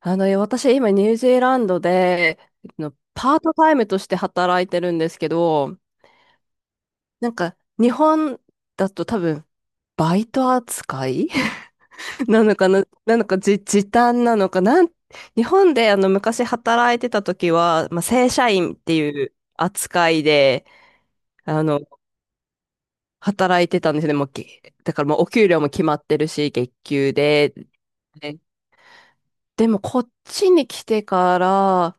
いや、私今ニュージーランドで、パートタイムとして働いてるんですけど、なんか日本だと多分バイト扱い なのかな、なのかじ、時短なのか日本で昔働いてた時は、まあ、正社員っていう扱いで、あの、働いてたんですね。もうけ、だからもうお給料も決まってるし、月給で。で、でもこっちに来てから、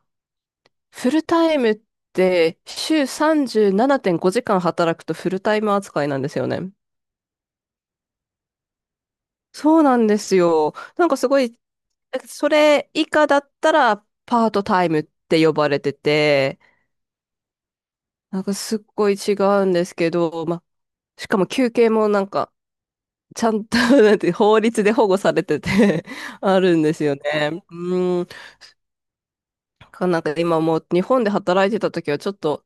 フルタイムって週37.5時間働くとフルタイム扱いなんですよね。そうなんですよ。なんかすごい、それ以下だったらパートタイムって呼ばれてて、なんかすっごい違うんですけど、ま、しかも休憩もなんかちゃんと なんて法律で保護されてて あるんですよね。うん。なんか今もう日本で働いてた時はちょっと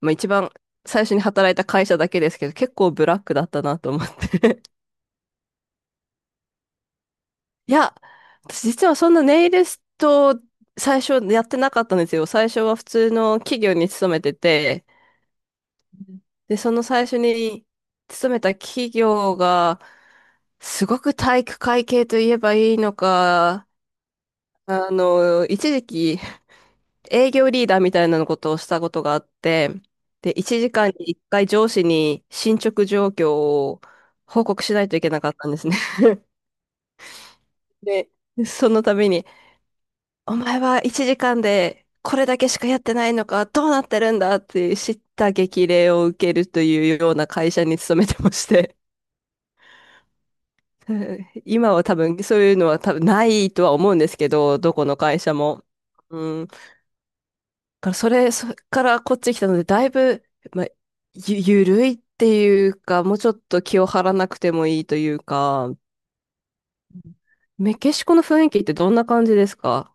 まあ、一番最初に働いた会社だけですけど、結構ブラックだったなと思って。 いや、私実はそんなネイリスト最初やってなかったんですよ。最初は普通の企業に勤めてて、で、その最初に勤めた企業が、すごく体育会系といえばいいのか、一時期営業リーダーみたいなことをしたことがあって、で、1時間に1回上司に進捗状況を報告しないといけなかったんですね。で、その度に、お前は1時間でこれだけしかやってないのか、どうなってるんだって叱咤激励を受けるというような会社に勤めてまして、うん。今は多分そういうのは多分ないとは思うんですけど、どこの会社も。うんからそれ、それからこっち来たので、だいぶ、まあ、ゆるいっていうか、もうちょっと気を張らなくてもいいというか、メキシコの雰囲気ってどんな感じですか？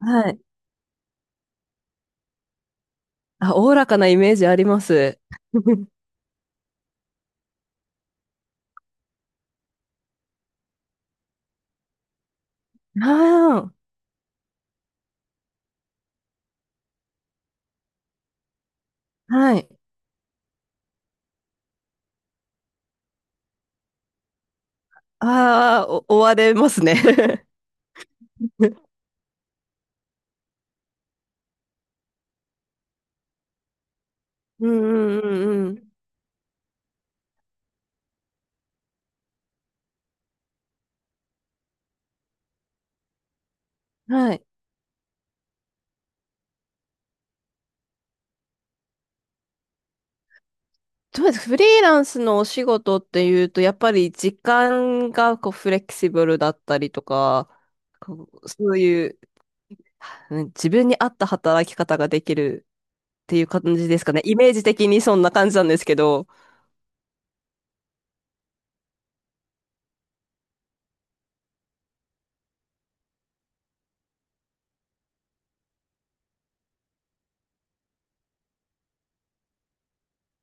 はい。あ、おおらかなイメージあります。ああ、はい。ああ、お追われますね。うんうんうんうん。はい。どうです、フリーランスのお仕事っていうと、やっぱり時間がこうフレキシブルだったりとか、こうそういう、うん、自分に合った働き方ができるっていう感じですかね。イメージ的にそんな感じなんですけど。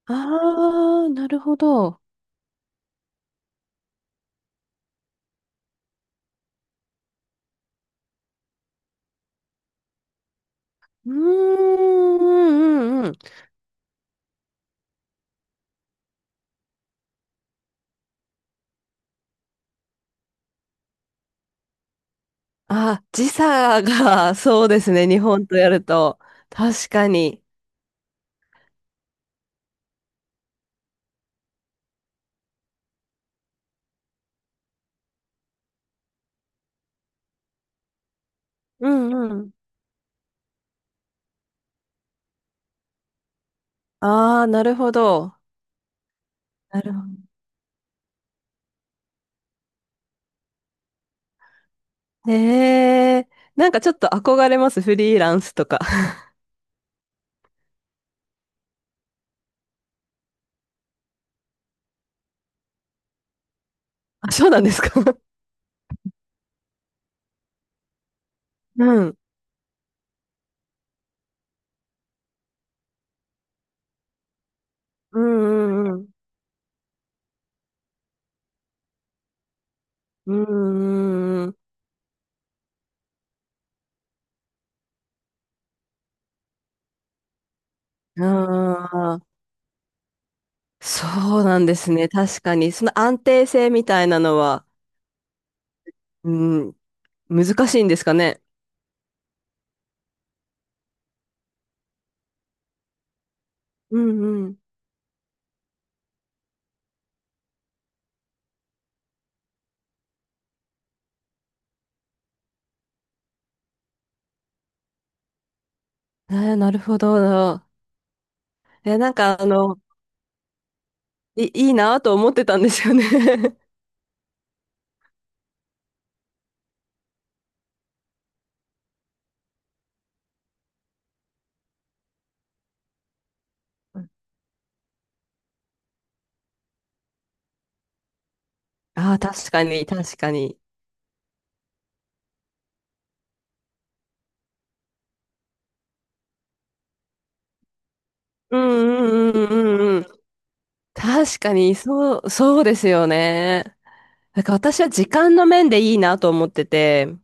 ああ、なるほど。うーん、うん、うん。あ、時差が、そうですね。日本とやると。確かに。うんうん。ああ、なるほど。なるほど。へえ。なんかちょっと憧れます。フリーランスとか。あ、そうなんですか？ うん。うんうんうん。うんうんうん。ああ。そうなんですね。確かに。その安定性みたいなのは、うん、難しいんですかね。うんうん。なるほど。なんか、いいなと思ってたんですよね。ああ、確かに、確かに。うんうんうんうんうん。確かに、そう、そうですよね。なんか私は時間の面でいいなと思ってて、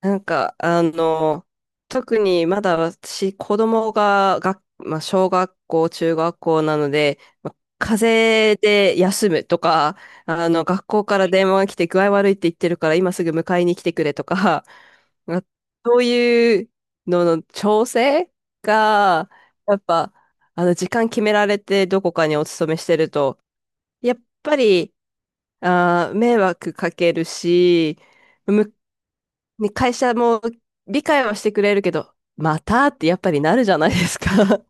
なんか、特にまだ私、子供が、まあ、小学校、中学校なので、まあ、風邪で休むとか、学校から電話が来て具合悪いって言ってるから、今すぐ迎えに来てくれとか、あそういうのの調整が、やっぱ、時間決められてどこかにお勤めしてると、やっぱり、迷惑かけるし、む、ね、会社も理解はしてくれるけど、またってやっぱりなるじゃないですか。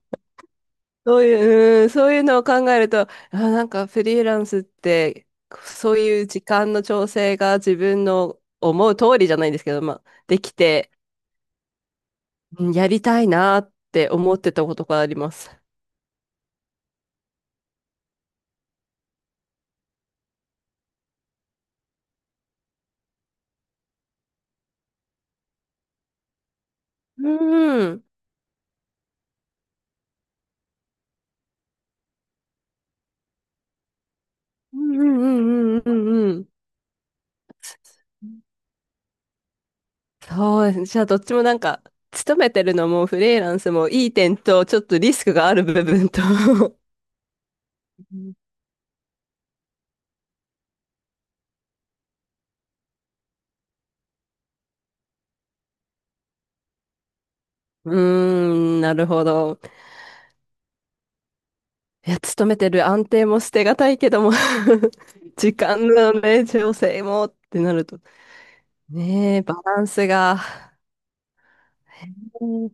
そういう、うん、そういうのを考えると、なんかフリーランスって、そういう時間の調整が自分の思う通りじゃないんですけど、まあ、できて、うん、やりたいなって思ってたことがあります。うん、うん、うん、うん、うん、うん。うん、そう、じゃあどっちもなんか、勤めてるのもフリーランスもいい点と、ちょっとリスクがある部分と うんーん、なるほど。いや、勤めてる安定も捨てがたいけども 時間のね、調整もってなると、ねえ、バランスが。へえ。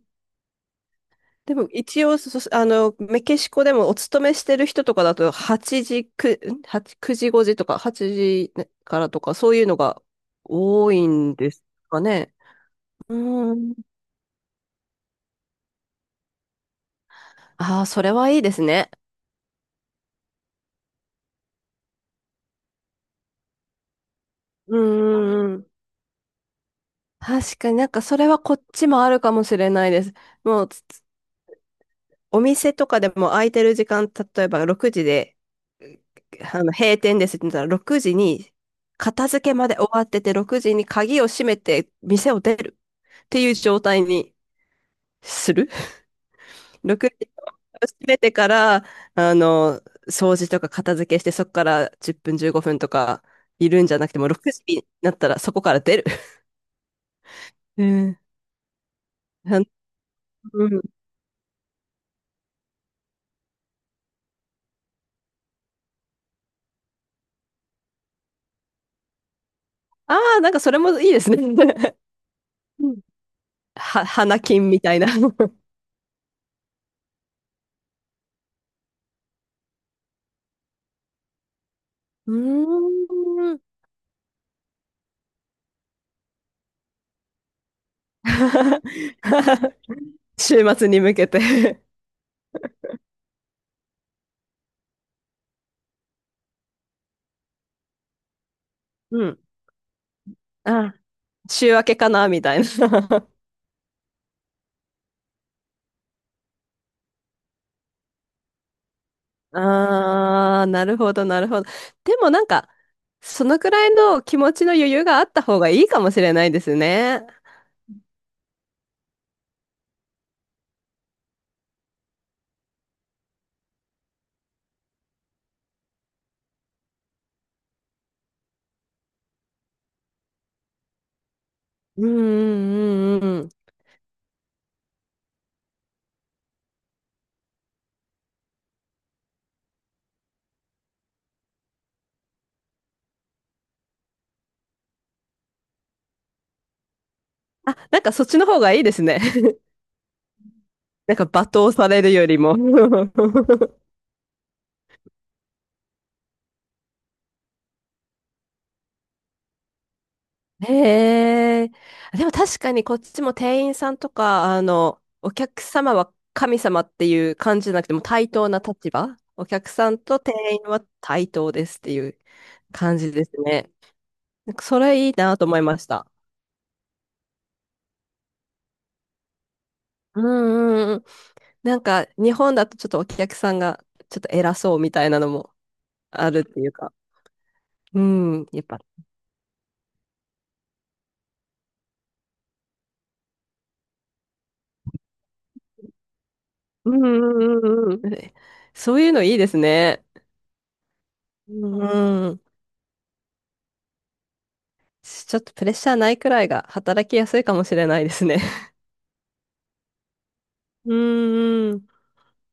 でも一応メキシコでもお勤めしてる人とかだと、8時、8、9時5時とか、8時からとか、そういうのが多いんですかね。うーん。ああ、それはいいですね。うんうんうん。確かになんかそれはこっちもあるかもしれないです。もうつつお店とかでも空いてる時間、例えば6時で、う閉店ですって言ったら6時に片付けまで終わってて6時に鍵を閉めて店を出るっていう状態にする。6時を閉めてから、あの、掃除とか片付けしてそこから10分15分とかいるんじゃなくても6時になったらそこから出る。ええ、は、うん。ああ、なんかそれもいいですね。うん、は、花金みたいな。うーん。週末に向けて うん。あ、週明けかなみたいな。ああ、なるほど、なるほど。でもなんか、そのくらいの気持ちの余裕があった方がいいかもしれないですね。うんうんうんうん、あ、なんかそっちの方がいいですね。なんか罵倒されるよりも。へえ。でも確かにこっちも店員さんとか、お客様は神様っていう感じじゃなくてもう対等な立場。お客さんと店員は対等ですっていう感じですね。なんかそれいいなと思いました。うんうんうん。なんか日本だとちょっとお客さんがちょっと偉そうみたいなのもあるっていうか。うん、やっぱ。うんうんうんうん。そういうのいいですね。うん、ちょっとプレッシャーないくらいが働きやすいかもしれないですね。うんん。